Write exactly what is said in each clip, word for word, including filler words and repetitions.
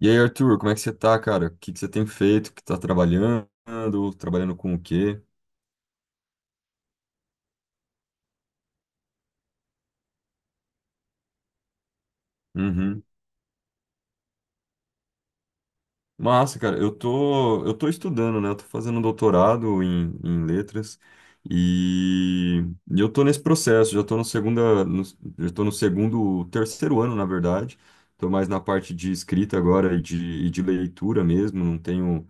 E aí, Arthur, como é que você tá, cara? O que que você tem feito? Que tá trabalhando? Trabalhando com o quê? Uhum. Massa, cara, eu tô, eu tô estudando, né? Eu tô fazendo um doutorado em, em letras e, e eu tô nesse processo, já tô no segunda, no, já tô no segundo, terceiro ano, na verdade. Tô mais na parte de escrita agora e de, e de leitura mesmo, não tenho.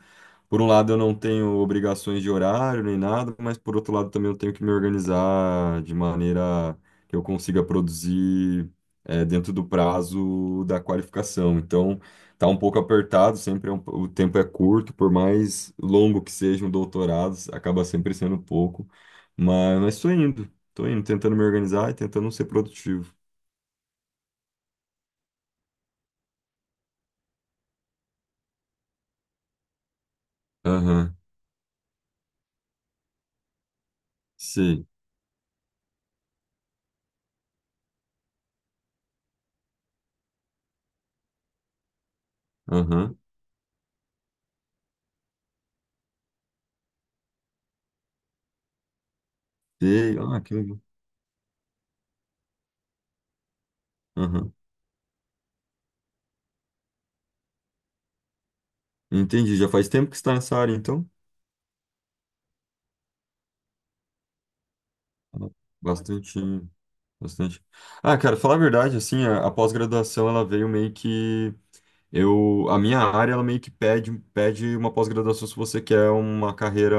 Por um lado, eu não tenho obrigações de horário nem nada, mas por outro lado, também eu tenho que me organizar de maneira que eu consiga produzir eh, dentro do prazo da qualificação. Então, tá um pouco apertado, sempre é um- o tempo é curto, por mais longo que seja um doutorado acaba sempre sendo pouco. Mas, mas estou indo, estou indo, tentando me organizar e tentando ser produtivo. Aham, sei, aham, sei, ah, que legal. Aham, entendi. Já faz tempo que você está nessa área, então? Bastante, bastante. Ah, cara, falar a verdade, assim, a, a pós-graduação ela veio meio que eu, a minha área, ela meio que pede, pede uma pós-graduação se você quer uma carreira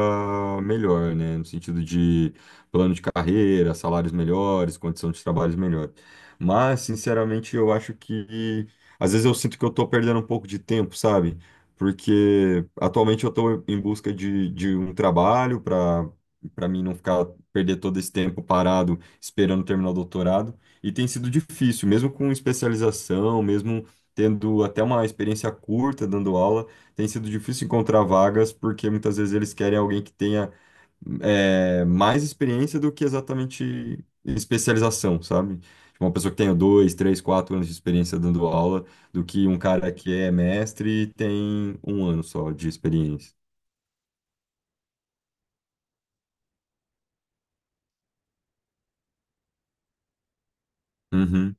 melhor, né? No sentido de plano de carreira, salários melhores, condição de trabalho melhor. Mas, sinceramente, eu acho que... Às vezes eu sinto que eu tô perdendo um pouco de tempo, sabe? Porque atualmente eu tô em busca de, de um trabalho para para mim não ficar perder todo esse tempo parado esperando terminar o doutorado. E tem sido difícil, mesmo com especialização, mesmo tendo até uma experiência curta dando aula, tem sido difícil encontrar vagas, porque muitas vezes eles querem alguém que tenha é, mais experiência do que exatamente especialização, sabe? Tipo, uma pessoa que tenha dois, três, quatro anos de experiência dando aula, do que um cara que é mestre e tem um ano só de experiência. Uhum.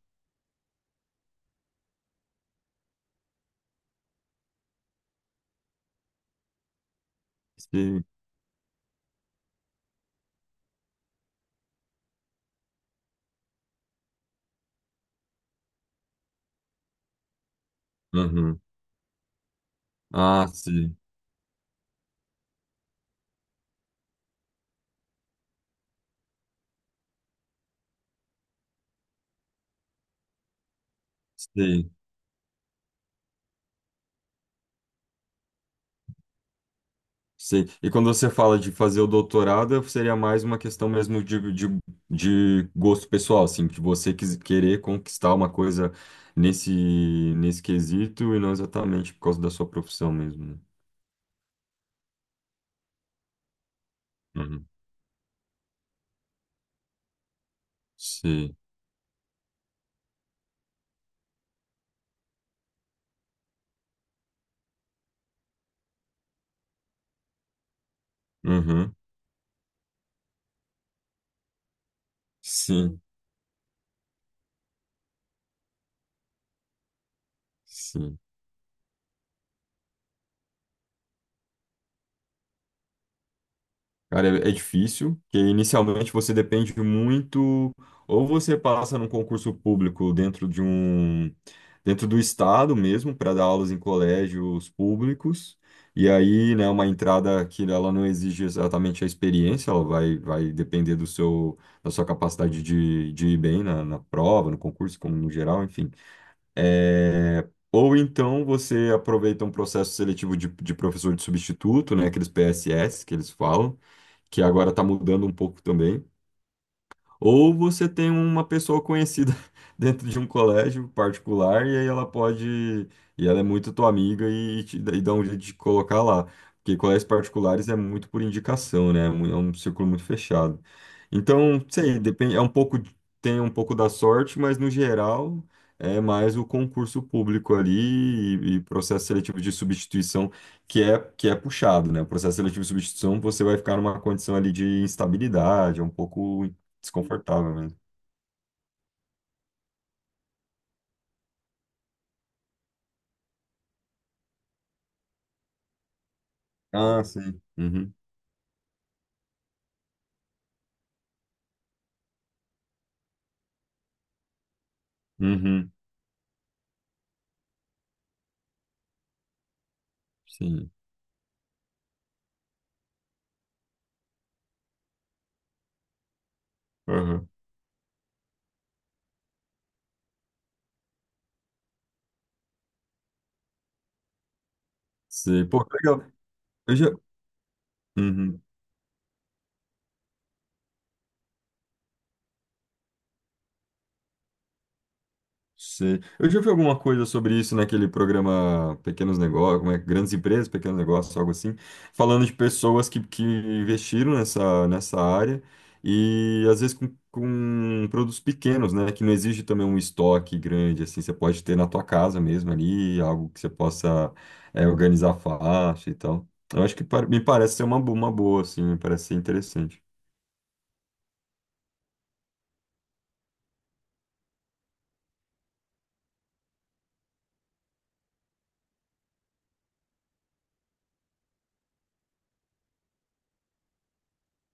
Sim. Uhum. Ah, sim. Sim. Sim. E quando você fala de fazer o doutorado, seria mais uma questão mesmo de, de, de gosto pessoal, assim, de você quis- querer conquistar uma coisa nesse, nesse quesito e não exatamente por causa da sua profissão mesmo, né? Uhum. Sim. Uhum. Sim. Sim. Cara, é é difícil, que inicialmente você depende muito, ou você passa num concurso público dentro de um, dentro do estado mesmo, para dar aulas em colégios públicos, e aí, né, uma entrada que ela não exige exatamente a experiência, ela vai, vai depender do seu, da sua capacidade de, de ir bem na, na prova, no concurso, como no geral, enfim. É, ou então você aproveita um processo seletivo de, de professor de substituto, né, aqueles P S S que eles falam, que agora está mudando um pouco também. Ou você tem uma pessoa conhecida dentro de um colégio particular e aí ela pode, e ela é muito tua amiga e, te, e dá um jeito de colocar lá. Porque colégios particulares é muito por indicação, né? É um é um círculo muito fechado. Então, sei, depende, é um pouco, tem um pouco da sorte, mas no geral é mais o concurso público ali e, e processo seletivo de substituição que é, que é puxado, né? O processo seletivo de substituição você vai ficar numa condição ali de instabilidade, é um pouco desconfortável mesmo. Ah, sim. Uhum. Uhum. Sim. Uhum. Sim. Pô, que legal. Eu já... Uhum. Sei. Eu já vi alguma coisa sobre isso naquele programa Pequenos Negócios, como é, Grandes Empresas, Pequenos Negócios, algo assim, falando de pessoas que, que investiram nessa, nessa área e às vezes com, com produtos pequenos, né, que não exige também um estoque grande, assim, você pode ter na tua casa mesmo ali, algo que você possa é, organizar fácil e tal. Eu acho que par- me parece ser uma, bo- uma boa, assim, me parece ser interessante.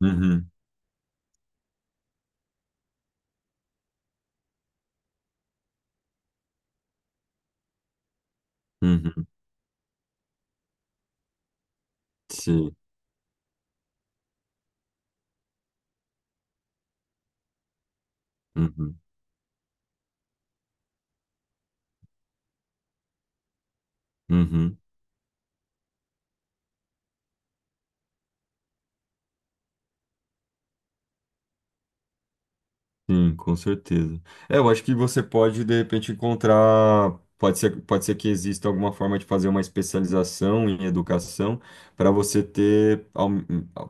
Uhum, uhum, sim, uhum, uhum. Sim, com certeza. É, eu acho que você pode, de repente, encontrar. Pode ser, pode ser que exista alguma forma de fazer uma especialização em educação para você ter, ao-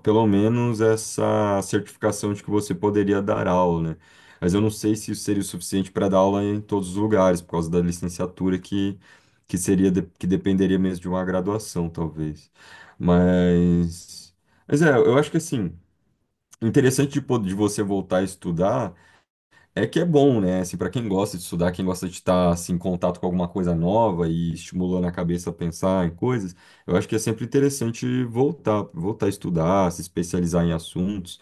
pelo menos, essa certificação de que você poderia dar aula, né? Mas eu não sei se isso seria o suficiente para dar aula em todos os lugares, por causa da licenciatura que, que seria, de- que dependeria mesmo de uma graduação, talvez. Mas, mas é, eu acho que assim, interessante de, po- de você voltar a estudar. É que é bom, né? Assim, para quem gosta de estudar, quem gosta de estar assim, em contato com alguma coisa nova e estimulando a cabeça a pensar em coisas, eu acho que é sempre interessante voltar, voltar a estudar, se especializar em assuntos,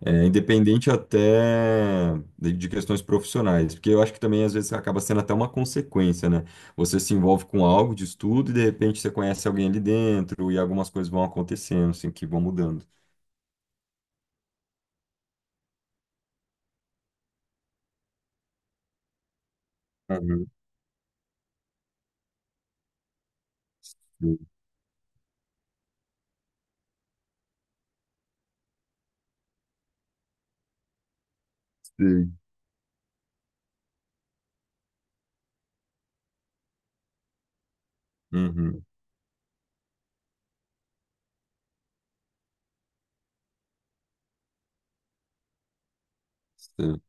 é, independente até de, de questões profissionais, porque eu acho que também às vezes acaba sendo até uma consequência, né? Você se envolve com algo de estudo e de repente você conhece alguém ali dentro e algumas coisas vão acontecendo, assim, que vão mudando. Uhum. Sei. Uhum. Sei.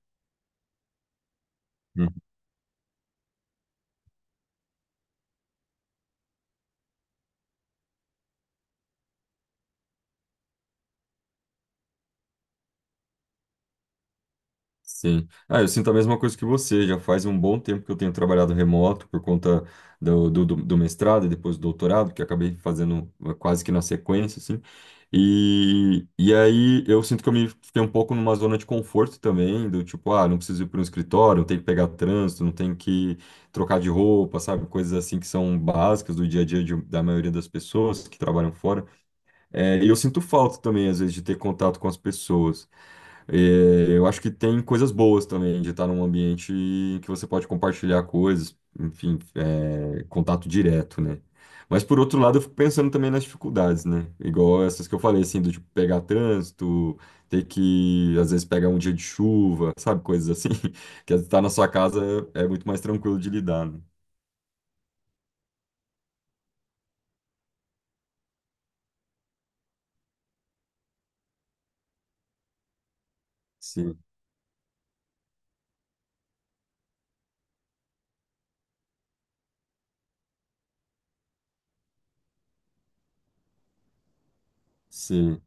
Sim. Ah, eu sinto a mesma coisa que você. Já faz um bom tempo que eu tenho trabalhado remoto por conta do, do, do do mestrado e depois do doutorado, que eu acabei fazendo quase que na sequência, assim. E, e aí eu sinto que eu me fiquei um pouco numa zona de conforto também, do tipo, ah, não preciso ir para um escritório, não tenho que pegar trânsito, não tenho que trocar de roupa, sabe? Coisas assim que são básicas do dia a dia de- da maioria das pessoas que trabalham fora. É, e eu sinto falta também, às vezes, de ter contato com as pessoas. É, eu acho que tem coisas boas também de estar num ambiente que você pode compartilhar coisas, enfim, é, contato direto, né? Mas por outro lado, eu fico pensando também nas dificuldades, né? Igual essas que eu falei, assim, do tipo pegar trânsito, ter que, às vezes, pegar um dia de chuva, sabe? Coisas assim, que estar na sua casa é muito mais tranquilo de lidar, né? Sim, sim.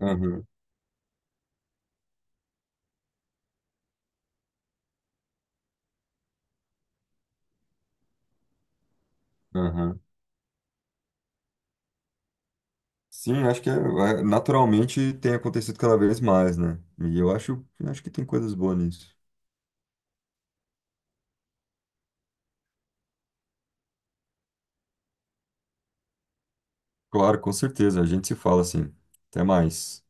Aham, aham. Sim, acho que é- é- naturalmente tem acontecido cada vez mais, né? E eu acho, acho que tem coisas boas nisso. Claro, com certeza. A gente se fala assim. Até mais.